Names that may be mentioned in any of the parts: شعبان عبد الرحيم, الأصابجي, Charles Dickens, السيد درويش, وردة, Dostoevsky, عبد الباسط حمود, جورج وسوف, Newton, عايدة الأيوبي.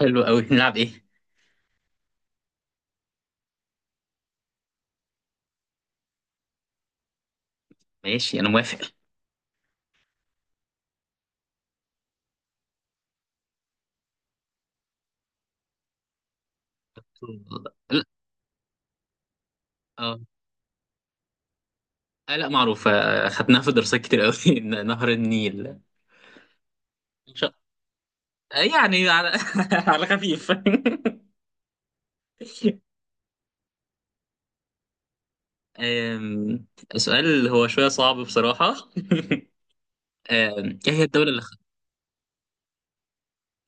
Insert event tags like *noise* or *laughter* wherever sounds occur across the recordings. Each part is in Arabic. حلو قوي، نلعب ايه؟ ماشي، انا موافق. لا. اه. لا معروف، خدناها في دراسات كتير قوي. *laughs* نهر النيل. مش- يعني، على *laughs* على خفيف. *laughs* آم، سؤال هو شوية صعب بصراحة. *laughs* ايه هي الدولة اللي.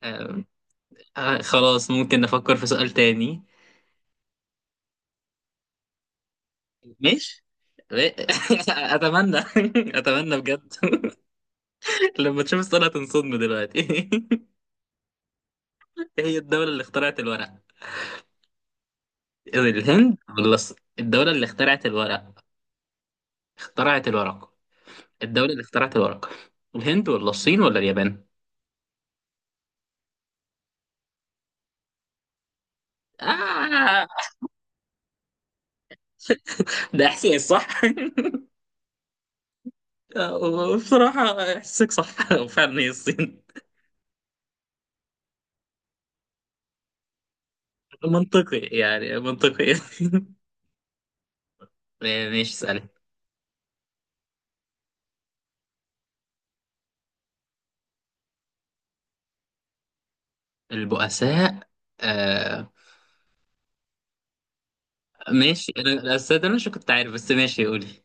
آم، آه، خلاص، ممكن نفكر في سؤال تاني. ماشي. *laughs* اتمنى. اتمنى بجد. *laughs* لما تشوف السؤال هتنصدم دلوقتي. *laughs* ايه هي الدولة اللي اخترعت الورق؟ الهند ولا الدولة اللي اخترعت الورق؟ اخترعت الورق. الدولة اللي اخترعت الورق، الهند ولا الصين ولا اليابان؟ آه. ده إحساس صح. *laughs* بصراحة، إحساسك صح. *laughs* وفعلا هي الصين. منطقي، يعني منطقي. *laughs* ماشي، اسأل. البؤساء. آه. ماشي، أنا الأستاذ، أنا مش كنت عارف، بس ماشي قولي.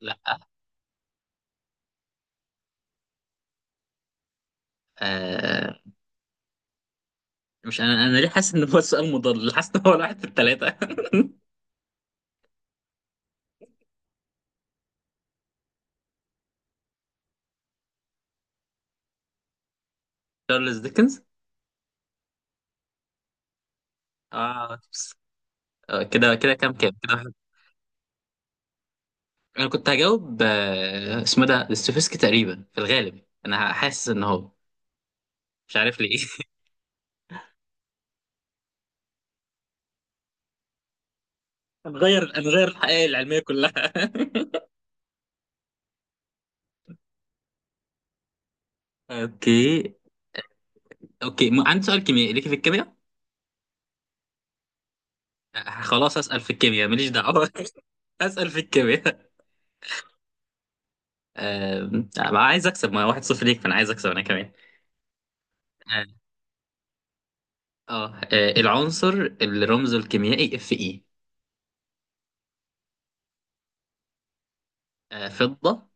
لا. آه. مش؟ أنا ليه حاسس إن هو سؤال مضل، حاسس إن هو واحد في التلاتة. *laughs* تشارلز ديكنز. اه. كده كده، كام كام، كده واحد. انا كنت هجاوب، اسمه ده ستوفسكي تقريبا في الغالب، انا حاسس ان هو... مش عارف ليه. *laughs* هنغير الحقائق العلميه كلها. *laughs* اوكي. اوكي، عندي سؤال كيميائي ليكي في الكيمياء. خلاص، اسال في الكيمياء ماليش دعوه. *laughs* اسال في الكيمياء. آم، آه، عايز اكسب. ما 1-0 ليك، فانا عايز اكسب انا كمان. اه. العنصر اللي رمزه الكيميائي Fe. فضه،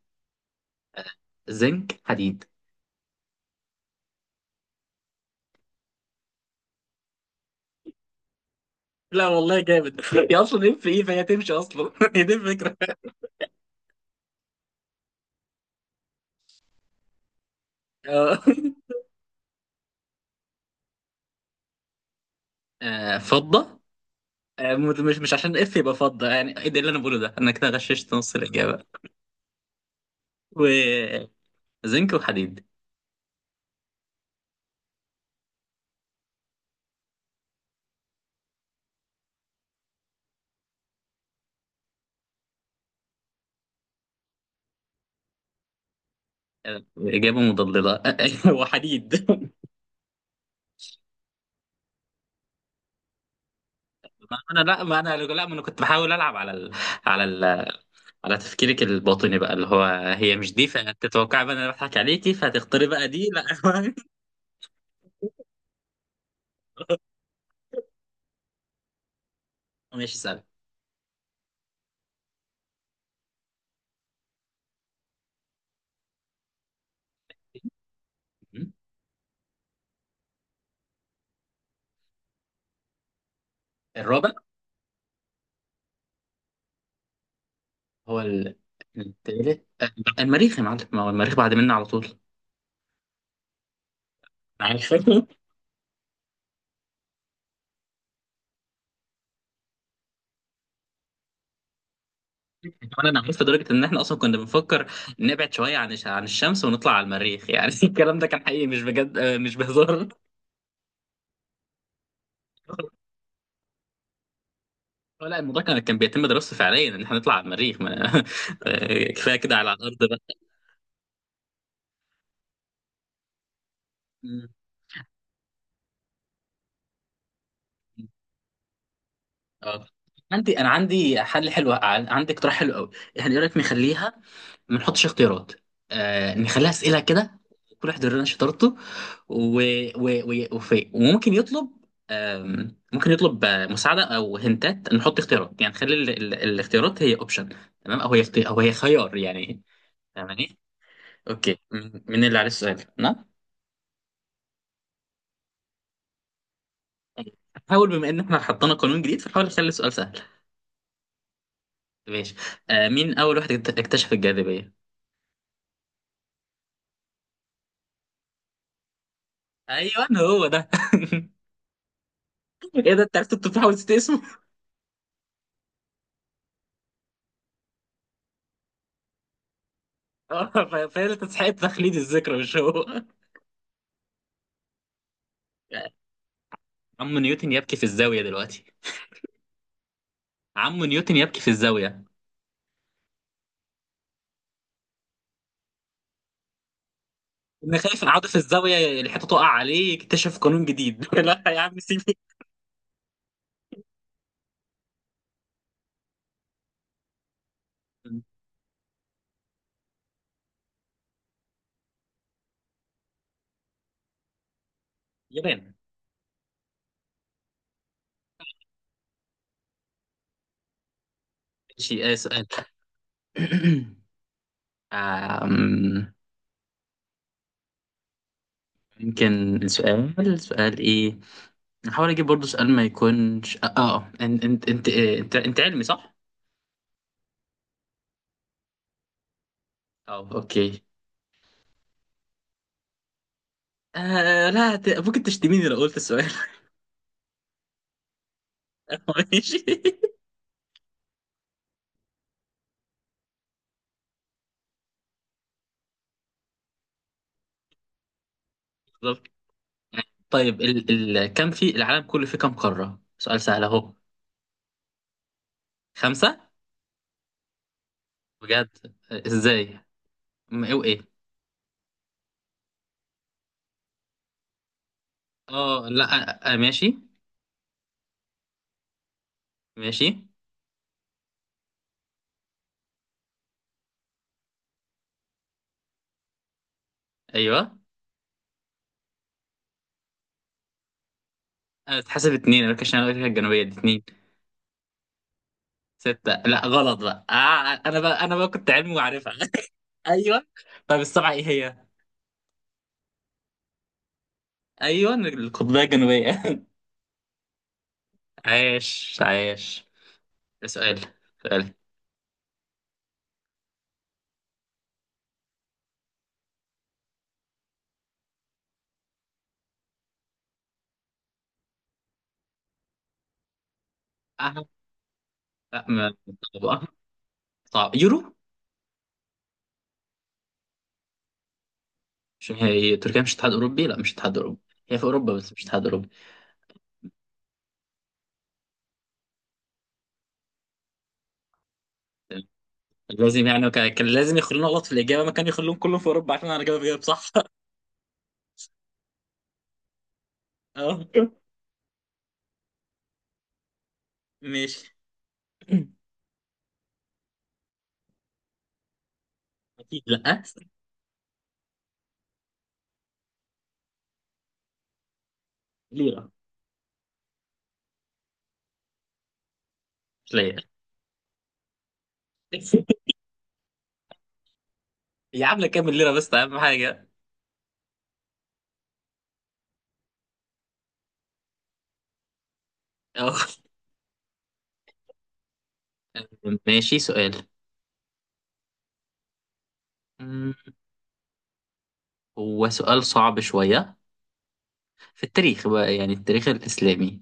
زنك، حديد. لا والله، جامد. *laughs* هي اصلا ايه في ايه فهي تمشي اصلا. *laughs* هي دي الفكره. آه. فضه. مش عشان F يبقى فضه، يعني ايه ده، إيه اللي انا بقوله ده، انا كده غششت نص الاجابه. وزنك وحديد. اجابه مضلله. *laughs* وحديد. ما انا كنت بحاول العب على على على تفكيرك الباطني بقى، اللي هو... هي مش دي، فتتوقعي بقى إن انا بضحك عليكي فهتختاري بقى دي، لا. *laughs* ماشي، سهل. الرابع. هو ال- التالت، المريخ يا معلم، ما هو المريخ بعد منا على طول. عارف. *laughs* كمان انا عارف لدرجه ان احنا اصلا كنا بنفكر نبعد شويه عن عن الشمس ونطلع على المريخ، يعني *laughs* الكلام ده كان حقيقي، مش بجد، مش بهزار. *laughs* لا، الموضوع كان بيتم دراسته فعليا ان احنا نطلع على المريخ ما... *laughs* كفايه كده على الارض بقى. م- م. اه. عندي حل حلو، عندي اقتراح حلو قوي. احنا ايه رايك نخليها، ما نحطش اختيارات. آه، نخليها اسئله كده، كل واحد يورينا شطارته. و... وفي، وممكن يطلب، ممكن يطلب مساعده، او هنتات نحط اختيارات، يعني نخلي الاختيارات هي اوبشن. تمام، او هي او هي خيار يعني. فاهماني؟ اوكي، من مين اللي عليه السؤال؟ انا؟ حاول، بما ان احنا حطينا قانون جديد، فحاول نخلي السؤال سهل. ماشي. آه، مين اول واحد اكتشف الجاذبيه؟ ايوه هو ده. *laughs* ايه ده، انت عرفت؟ انت بتحاول تنسى اسمه. فهي اللي تستحق تخليد الذكرى، مش هو. عم نيوتن يبكي في الزاوية دلوقتي. عم نيوتن يبكي في الزاوية. إن خايف يقعدوا في الزاوية، الحيطة تقع عليه يكتشف قانون جديد. *laughs* لا يا عم سيبني. يابان. ماشي، سؤال. *clears throat* آم، يمكن السؤال، سؤال ايه. هحاول اجيب برضو سؤال ما يكونش. اه، انت علمي صح؟ اه، اوكي. آه لا، ممكن تشتميني لو قلت السؤال. *laughs* ماشي. *laughs* طيب، ال كم في العالم كله، في كم قارة؟ سؤال سهل اهو. خمسة. بجد؟ ازاي؟ ايه وايه؟ اه لا، ماشي. ماشي. ايوه. انا بتحسب اتنين، امريكا الشمالية وامريكا الجنوبية دي اتنين. ستة؟ لا غلط بقى، آه. انا بقى كنت علمي وعارفها. *laughs* ايوه. طيب السبعة ايه هي؟ ايوه، القطبية الجنوبية. *laughs* عايش عايش. سؤال. سؤال. اه لا صعب، صعب. يورو. مش هي تركيا مش اتحاد اوروبي؟ لا مش اتحاد اوروبي، هي في اوروبا بس مش اتحاد اوروبي. لازم يعني كان لازم يخلونا غلط في الاجابه، ما كان يخلوهم كلهم في اوروبا عشان انا جايب صح. *laughs* اه ماشي. اكيد لا. ليره. مش ليره؟ *laughs* يا عم كام ليره بس اهم حاجه. اه ماشي، سؤال. أمم، هو سؤال صعب شويه. في التاريخ بقى، يعني التاريخ الاسلامي.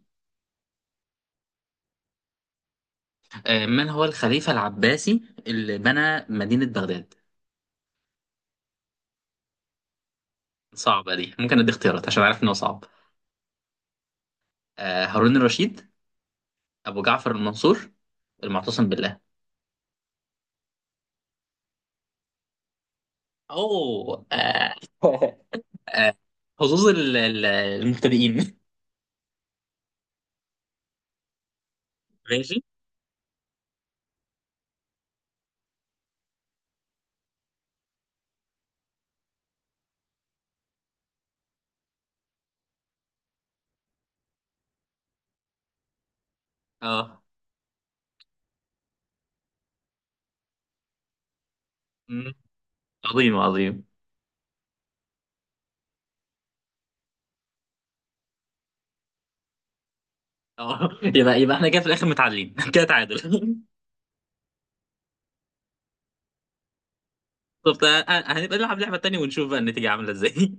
من هو الخليفه العباسي اللي بنى مدينه بغداد؟ صعبه دي، ممكن ادي اختيارات عشان عارف ان هو صعب. هارون الرشيد، أبو جعفر المنصور، المعتصم بالله. أو آه. حظوظ المبتدئين. *laughs* ماشي. اه. مم. عظيم عظيم. اه، يبقى احنا كده في الاخر متعادلين. *laughs* كده تعادل. *laughs* طب هنبقى نلعب لعبة تانية ونشوف بقى النتيجة عاملة ازاي.